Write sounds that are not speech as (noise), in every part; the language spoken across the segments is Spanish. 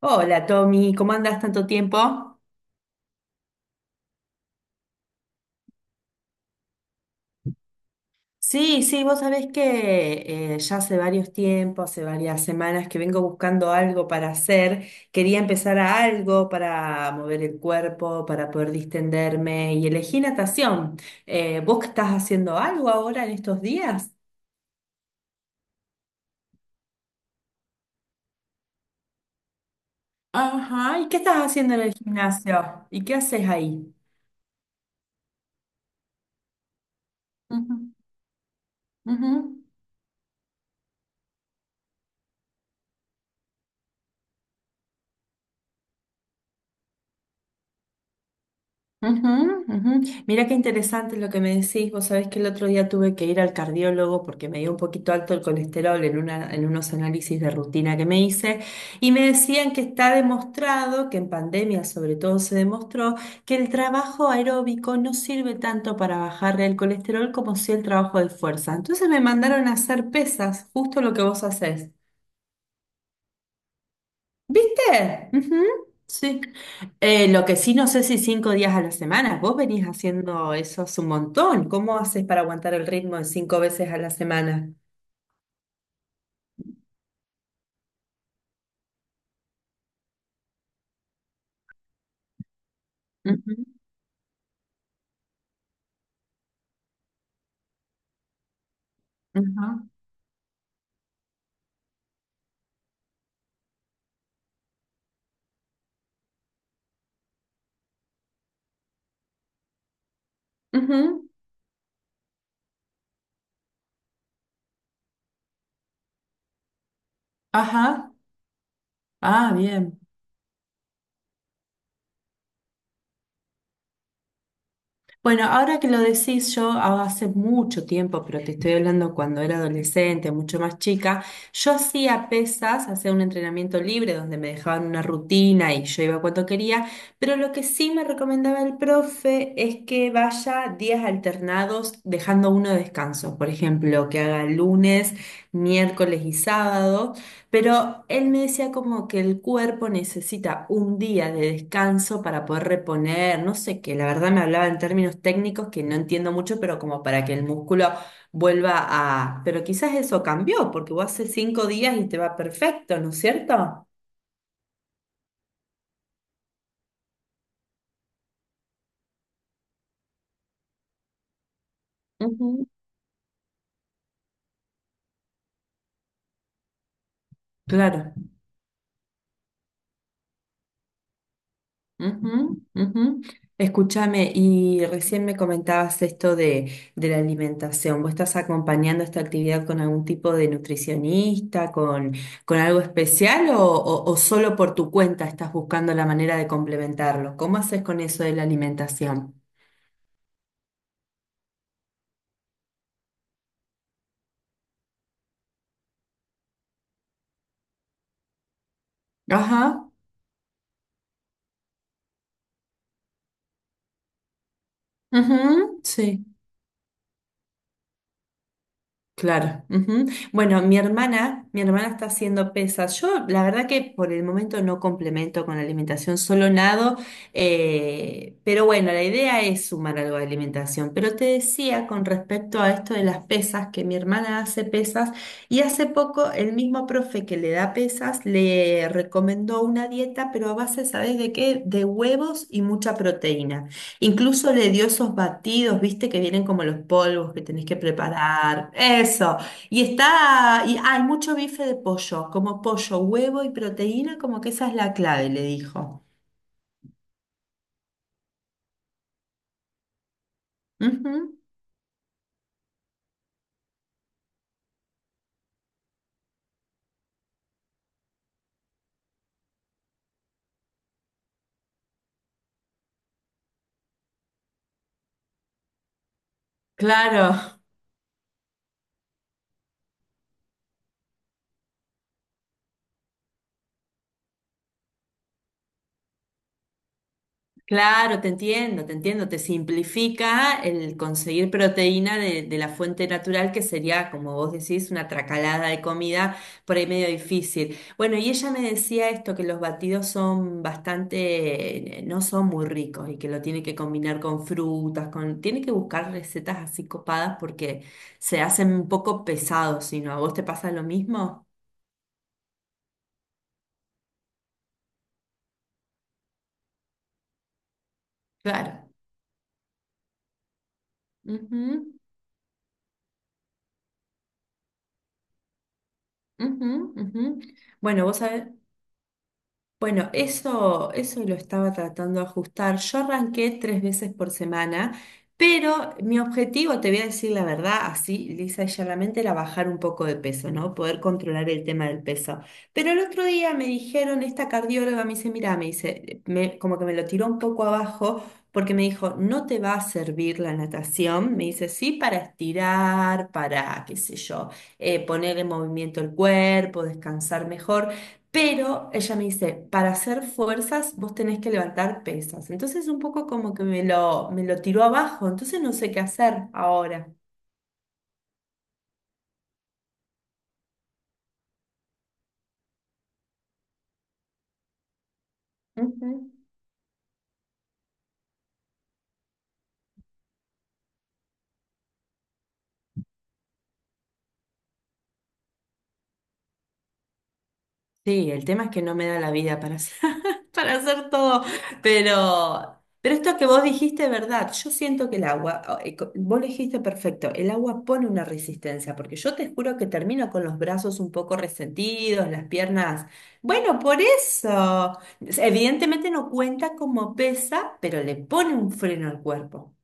Hola Tommy, ¿cómo andas tanto tiempo? Sí, sí, vos sabés que ya hace varias semanas que vengo buscando algo para hacer. Quería empezar a algo para mover el cuerpo, para poder distenderme y elegí natación. ¿Vos que estás haciendo algo ahora en estos días? Ajá, ¿y qué estás haciendo en el gimnasio? ¿Y qué haces ahí? Ujú, ujú. Ujú, ujú. Mira qué interesante lo que me decís. Vos sabés que el otro día tuve que ir al cardiólogo porque me dio un poquito alto el colesterol en unos análisis de rutina que me hice y me decían que está demostrado, que en pandemia sobre todo se demostró, que el trabajo aeróbico no sirve tanto para bajar el colesterol como si el trabajo de fuerza. Entonces me mandaron a hacer pesas, justo lo que vos hacés, viste. Ujú. Sí. Lo que sí no sé si 5 días a la semana. Vos venís haciendo eso hace un montón. ¿Cómo haces para aguantar el ritmo de 5 veces a la semana? Ujú, ujú, ujú. Ajá. Ah, bien. Bueno, ahora que lo decís yo, hace mucho tiempo, pero te estoy hablando cuando era adolescente, mucho más chica, yo hacía pesas, hacía un entrenamiento libre donde me dejaban una rutina y yo iba cuando quería, pero lo que sí me recomendaba el profe es que vaya días alternados dejando uno de descanso, por ejemplo, que haga lunes, miércoles y sábado. Pero él me decía como que el cuerpo necesita un día de descanso para poder reponer, no sé qué, la verdad me hablaba en términos técnicos que no entiendo mucho, pero como para que el músculo vuelva a... Pero quizás eso cambió, porque vos hace 5 días y te va perfecto, ¿no es cierto? Ujú. Claro. Ujú, ujú. Escúchame, y recién me comentabas esto de la alimentación. ¿Vos estás acompañando esta actividad con algún tipo de nutricionista, con algo especial o solo por tu cuenta estás buscando la manera de complementarlo? ¿Cómo haces con eso de la alimentación? Ajá, ujú, sí. Claro. Ujú. Bueno, mi hermana está haciendo pesas. Yo, la verdad que por el momento no complemento con la alimentación, solo nado, pero bueno, la idea es sumar algo de alimentación. Pero te decía con respecto a esto de las pesas, que mi hermana hace pesas y hace poco el mismo profe que le da pesas le recomendó una dieta, pero a base, ¿sabes de qué? De huevos y mucha proteína. Incluso le dio esos batidos, viste, que vienen como los polvos que tenés que preparar. Eso. Y está, y hay mucho bife de pollo, como pollo, huevo y proteína, como que esa es la clave, le dijo. Ujú. Claro. Claro, te entiendo, te entiendo, te simplifica el conseguir proteína de la fuente natural, que sería, como vos decís, una tracalada de comida por ahí medio difícil. Bueno, y ella me decía esto, que los batidos son bastante, no son muy ricos y que lo tiene que combinar con frutas, tiene que buscar recetas así copadas porque se hacen un poco pesados, si no, ¿a vos te pasa lo mismo? Claro. Ujú, ujú, ujú. Bueno, vos sabés. Bueno, eso lo estaba tratando de ajustar. Yo arranqué 3 veces por semana, pero mi objetivo, te voy a decir la verdad, así lisa y llanamente, era bajar un poco de peso, ¿no? Poder controlar el tema del peso. Pero el otro día me dijeron, esta cardióloga me dice, mira, como que me lo tiró un poco abajo, porque me dijo, no te va a servir la natación. Me dice, sí, para estirar, para, qué sé yo, poner en movimiento el cuerpo, descansar mejor. Pero ella me dice, para hacer fuerzas vos tenés que levantar pesas. Entonces un poco como que me lo tiró abajo, entonces no sé qué hacer ahora. Ujú. Sí, el tema es que no me da la vida para hacer, (laughs) para hacer todo, pero esto que vos dijiste es verdad. Yo siento que el agua, vos lo dijiste perfecto, el agua pone una resistencia, porque yo te juro que termino con los brazos un poco resentidos, las piernas. Bueno, por eso. Evidentemente no cuenta como pesa, pero le pone un freno al cuerpo.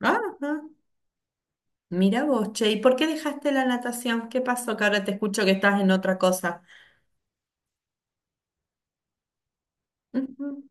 Ajá. Mira vos, che, ¿y por qué dejaste la natación? ¿Qué pasó? Que ahora te escucho que estás en otra cosa. Ujú.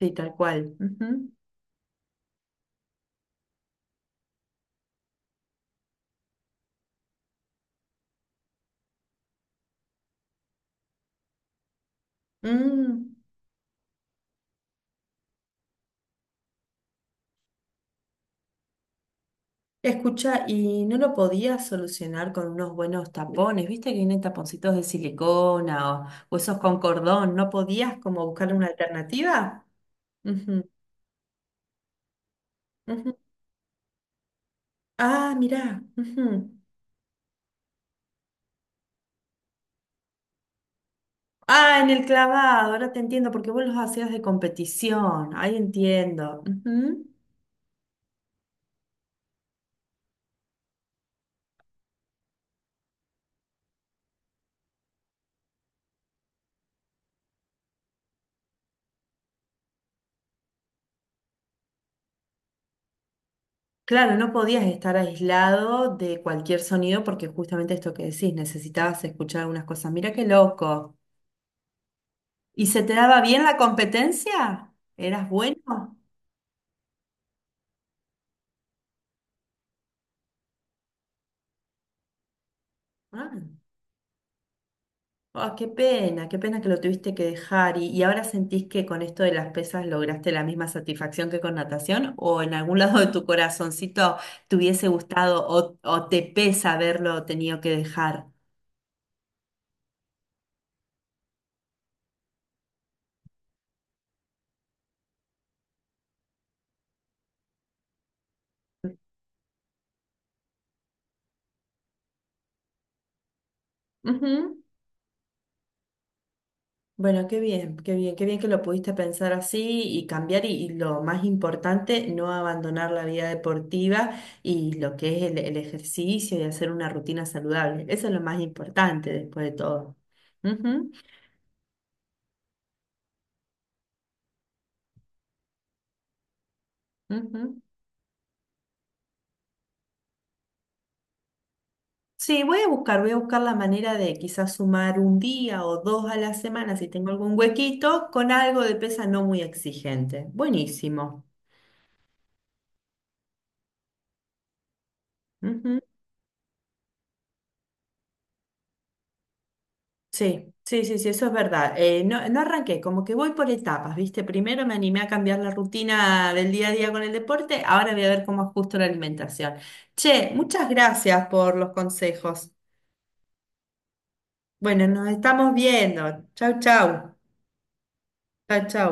Sí, tal cual. Ujú. Mm, escucha, y no lo podías solucionar con unos buenos tapones, viste que vienen taponcitos de silicona o esos con cordón, ¿no podías como buscar una alternativa? Ujú, ujú. Ah, mirá. Ujú. Ah, en el clavado, ahora te entiendo, porque vos los hacías de competición, ahí entiendo. Ujú. Claro, no podías estar aislado de cualquier sonido porque justamente esto que decís, necesitabas escuchar algunas cosas. Mira qué loco. ¿Y se te daba bien la competencia? ¿Eras bueno? Ah, ah, qué pena que lo tuviste que dejar. ¿Y ahora sentís que con esto de las pesas lograste la misma satisfacción que con natación? ¿O en algún lado de tu corazoncito te hubiese gustado o te pesa haberlo tenido que dejar? Ujú. Bueno, qué bien, qué bien, qué bien que lo pudiste pensar así y cambiar y lo más importante, no abandonar la vida deportiva y lo que es el ejercicio y hacer una rutina saludable. Eso es lo más importante después de todo. Ujú, ujú. Sí, voy a buscar la manera de quizás sumar un día o dos a la semana si tengo algún huequito con algo de pesa no muy exigente. Buenísimo. Ujú. Sí, sí, sí, sí, eso es verdad. No, no arranqué, como que voy por etapas, ¿viste? Primero me animé a cambiar la rutina del día a día con el deporte, ahora voy a ver cómo ajusto la alimentación. Che, muchas gracias por los consejos. Bueno, nos estamos viendo. Chau, chau. Chau, chau.